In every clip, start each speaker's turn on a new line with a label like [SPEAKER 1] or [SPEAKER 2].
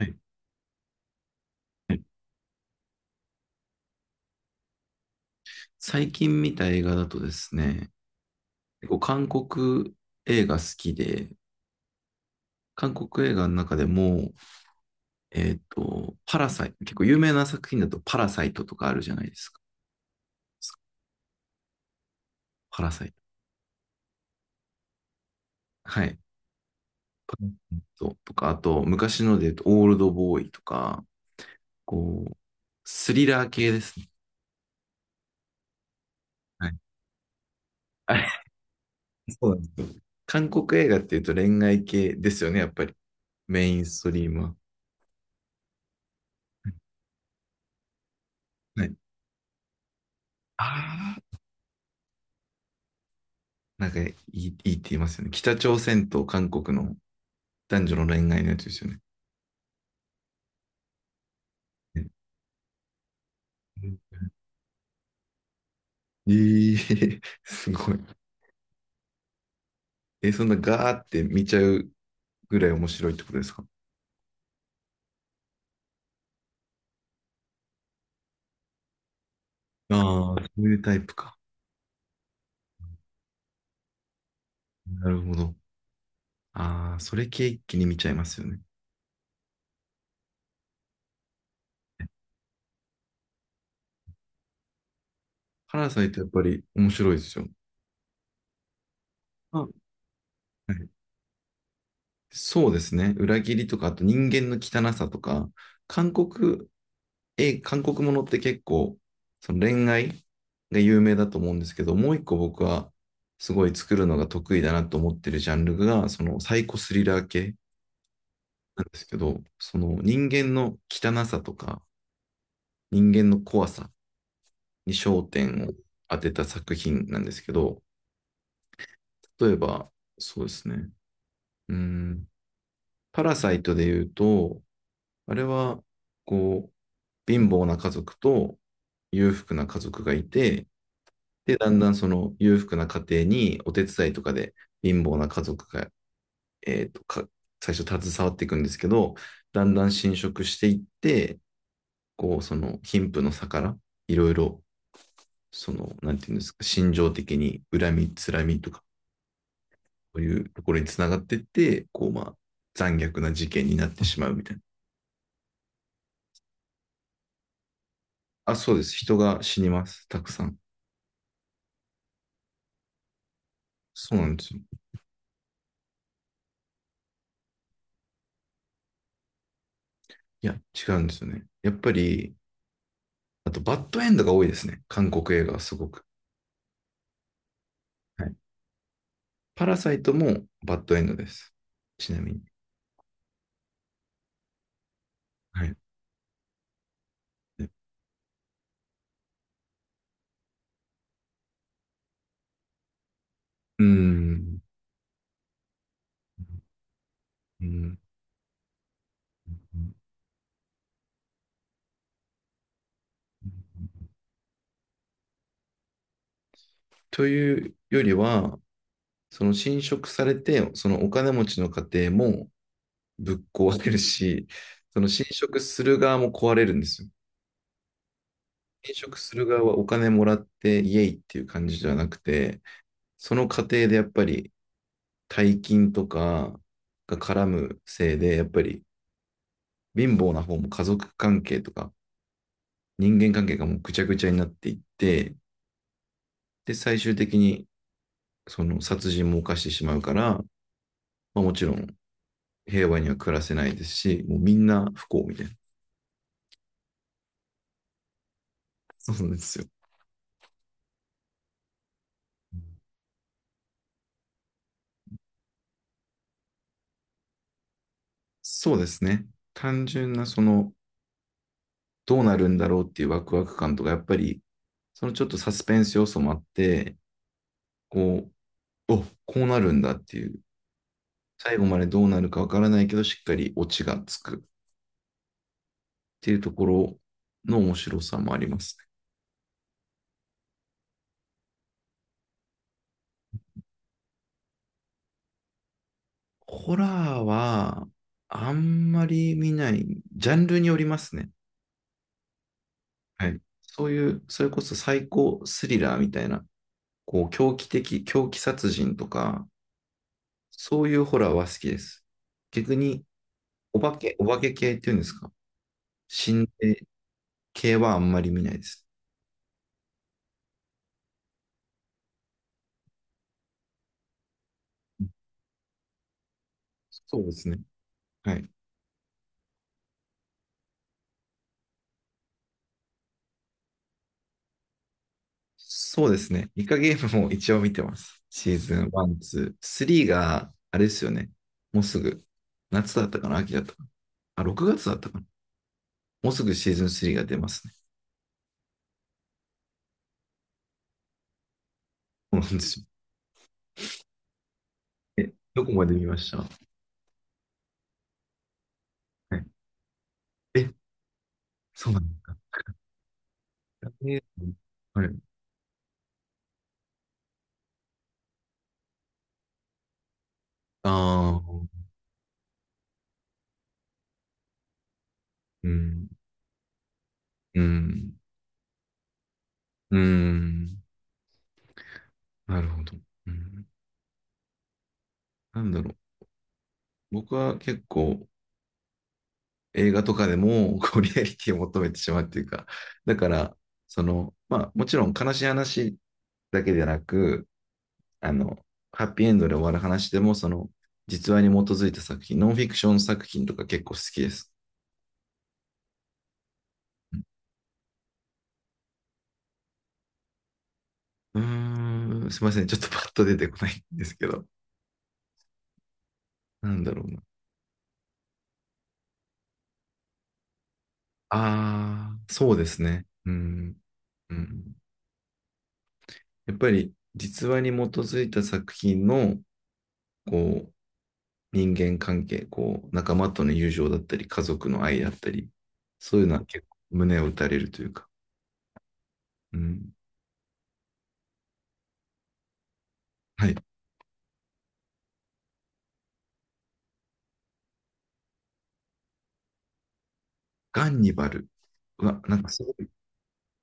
[SPEAKER 1] はい、はい。最近見た映画だとですね、結構韓国映画好きで、韓国映画の中でも、パラサイト、結構有名な作品だとパラサイトとかあるじゃないですか。パラサイト。はい。パラサイトとか、あと、昔ので言うと、オールドボーイとか、こう、スリラー系ですね。はい。あれそうなんですよ。韓国映画っていうと恋愛系ですよね、やっぱり。メインストリームは。はい。あなんかいいって言いますよね。北朝鮮と韓国の男女の恋愛のやつですよね。すごい。え、そんなガーって見ちゃうぐらい面白いってことですか？ああー、そういうタイプか。なるほど。ああ、それ系一気に見ちゃいますよね。パラサイトやっぱり面白いですよ。はい、そうですね。裏切りとか、あと人間の汚さとか、韓国韓国ものって結構、その恋愛が有名だと思うんですけど、もう一個僕はすごい作るのが得意だなと思ってるジャンルが、そのサイコスリラー系なんですけど、その人間の汚さとか、人間の怖さに焦点を当てた作品なんですけど、例えば、そうですね、うーん、パラサイトで言うと、あれは、こう、貧乏な家族と裕福な家族がいて、で、だんだんその裕福な家庭にお手伝いとかで貧乏な家族が、えーと、か最初携わっていくんですけど、だんだん侵食していって、こう、その貧富の差から、いろいろ、その、なんていうんですか、心情的に恨み、つらみとか、そういうところにつながっていって、こう、まあ、残虐な事件になってしまうみたいな。あ、そうです。人が死にます。たくさん。そうなんですよ。いや、違うんですよね。やっぱり、あと、バッドエンドが多いですね。韓国映画はすごく。はい。パラサイトもバッドエンドです。ちなみに。はい。うん。うん、というよりは、その侵食されて、そのお金持ちの家庭もぶっ壊れるし、その侵食する側も壊れるんですよ。侵食する側はお金もらってイエイっていう感じじゃなくて、その過程でやっぱり大金とかが絡むせいで、やっぱり貧乏な方も家族関係とか人間関係がもうぐちゃぐちゃになっていって、で、最終的にその殺人も犯してしまうから、まあ、もちろん平和には暮らせないですし、もうみんな不幸みたいな。そうなんですよ。そうですね。単純なその、どうなるんだろうっていうワクワク感とか、やっぱり、そのちょっとサスペンス要素もあって、こう、お、こうなるんだっていう、最後までどうなるかわからないけど、しっかりオチがつくっていうところの面白さもありますね。ホラーは、あんまり見ない、ジャンルによりますね。はい。そういう、それこそ最高スリラーみたいな、こう、狂気的、狂気殺人とか、そういうホラーは好きです。逆に、お化け系っていうんですか？心霊系はあんまり見ないです。そうですね。はい。そうですね。イカゲームも一応見てます。シーズン1、2、3が、あれですよね。もうすぐ、夏だったかな、秋だったかなあ、6月だったかな、もうすぐシーズン3が出ますね。そうなんですよ。え、どこまで見ましたは？いえ、そうなんだ。で、はい。ああ、うん、うん、うん。なるほど。うん、なんだろう。僕は結構映画とかでも こうリアリティを求めてしまうっていうか、だから、その、まあもちろん悲しい話だけでなく、あの、ハッピーエンドで終わる話でも、その、実話に基づいた作品、ノンフィクション作品とか結構好きです。うん、すいません。ちょっとパッと出てこないんですけど、なんだろうな。ああ、そうですね。うん、うん。やっぱり実話に基づいた作品の、こう、人間関係、こう、仲間との友情だったり、家族の愛だったり、そういうのは結構胸を打たれるというか。うん。はい。ガンニバル。うわ、なんかすごい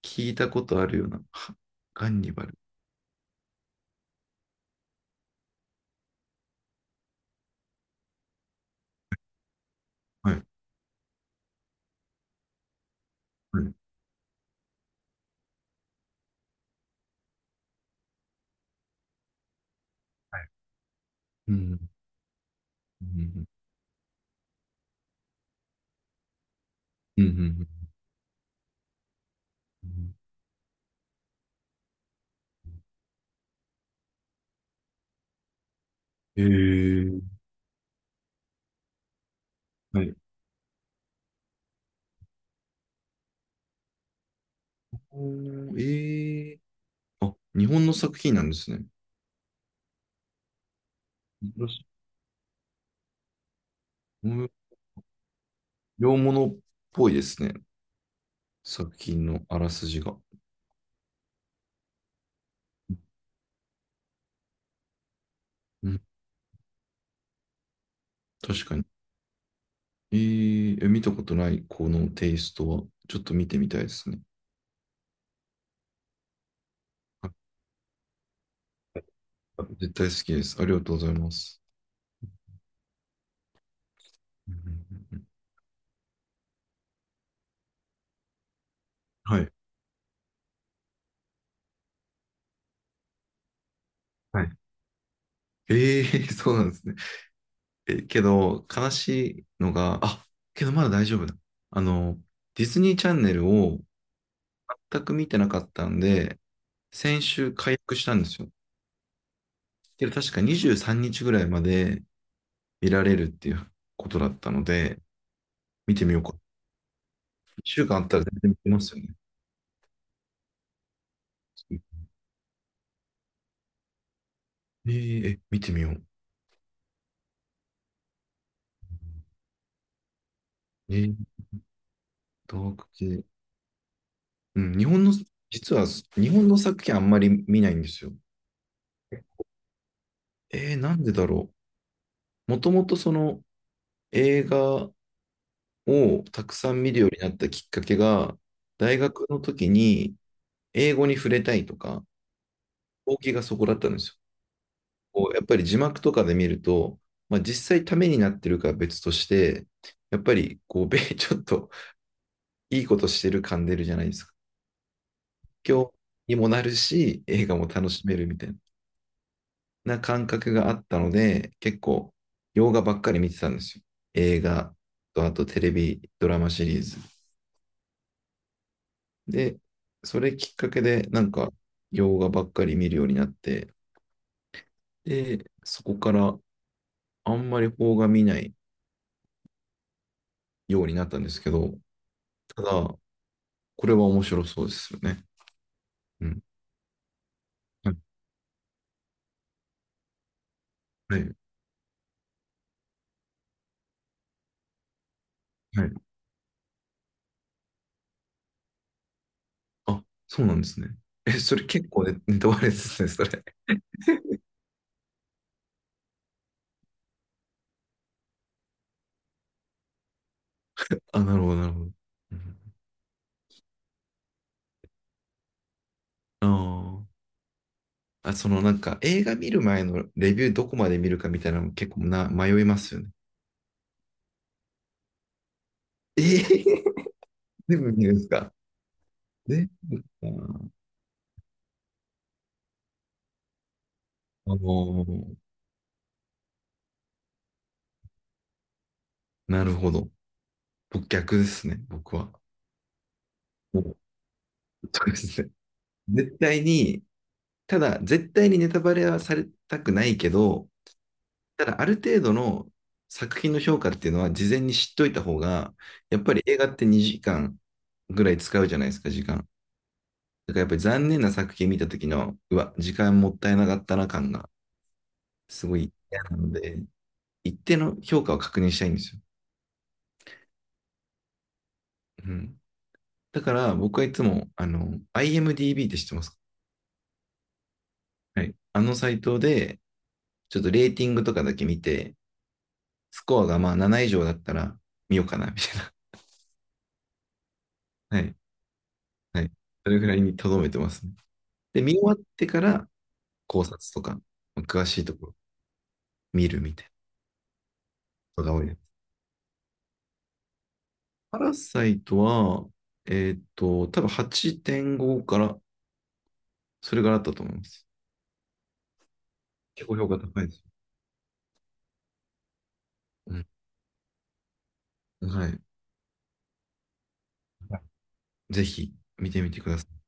[SPEAKER 1] 聞いたことあるような。ガンニバル。はい。はい。はい。うん。うん。うん。うん。うん。えー、はい。おー。えあ、日本の作品なんですね。うん、洋物っぽいですね。作品のあらすじが。うん、確かに。え、見たことないこのテイストは、ちょっと見てみたいですね。あ、絶対好きです。ありがとうございます。うん。うん。うん。うん。はい。はい。えそうなんですね。え、けど、悲しいのが、あ、けどまだ大丈夫だ。あの、ディズニーチャンネルを全く見てなかったんで、先週解約したんですよ。けど確か23日ぐらいまで見られるっていうことだったので、見てみようか。一週間あったら全然見てますよね。えーえ、見てみよう。えー、ダーク系。うん、日本の、実は日本の作品あんまり見ないんですよ。なんでだろう。もともとその映画をたくさん見るようになったきっかけが、大学の時に英語に触れたいとか、動機がそこだったんですよ。こうやっぱり字幕とかで見ると、まあ、実際ためになってるかは別として、やっぱりこう、ちょっといいことしてる感出るじゃないですか。今日にもなるし、映画も楽しめるみたいな感覚があったので、結構、洋画ばっかり見てたんですよ。映画と、あとテレビ、ドラマシリーズ。で、それきっかけで、なんか、洋画ばっかり見るようになって、で、そこからあんまり邦画見ないようになったんですけど、ただ、これは面白そうですよね。うん。はい。はい。あ、そうなんですね。え、それ結構ね、ネタバレですね、それ。あ、なるほど、なるほど。うん。あーあ、そのなんか映画見る前のレビューどこまで見るかみたいなの結構な迷いますよね。えー、全部見るんですか？全部、あ、あの、なるほど。僕逆ですね、僕は。もう、そうですね。絶対に、ただ絶対にネタバレはされたくないけど、ただ、ある程度の作品の評価っていうのは事前に知っといた方が、やっぱり映画って2時間ぐらい使うじゃないですか、時間。だからやっぱり残念な作品見た時の、うわ、時間もったいなかったな感がすごい嫌なので、一定の評価を確認したいんですよ。うん。だから僕はいつも、あの、IMDB って知ってますか？はい。あのサイトで、ちょっとレーティングとかだけ見て、スコアがまあ7以上だったら見ようかな、みたいな。はい。はい。それぐらいに留めてますね。で、見終わってから考察とか、詳しいところ見るみたいなことが多いです。パラサイトは、多分8.5から、それからあったと思います。結構評価高いですよ。うん。はい。ぜひ見てみてください。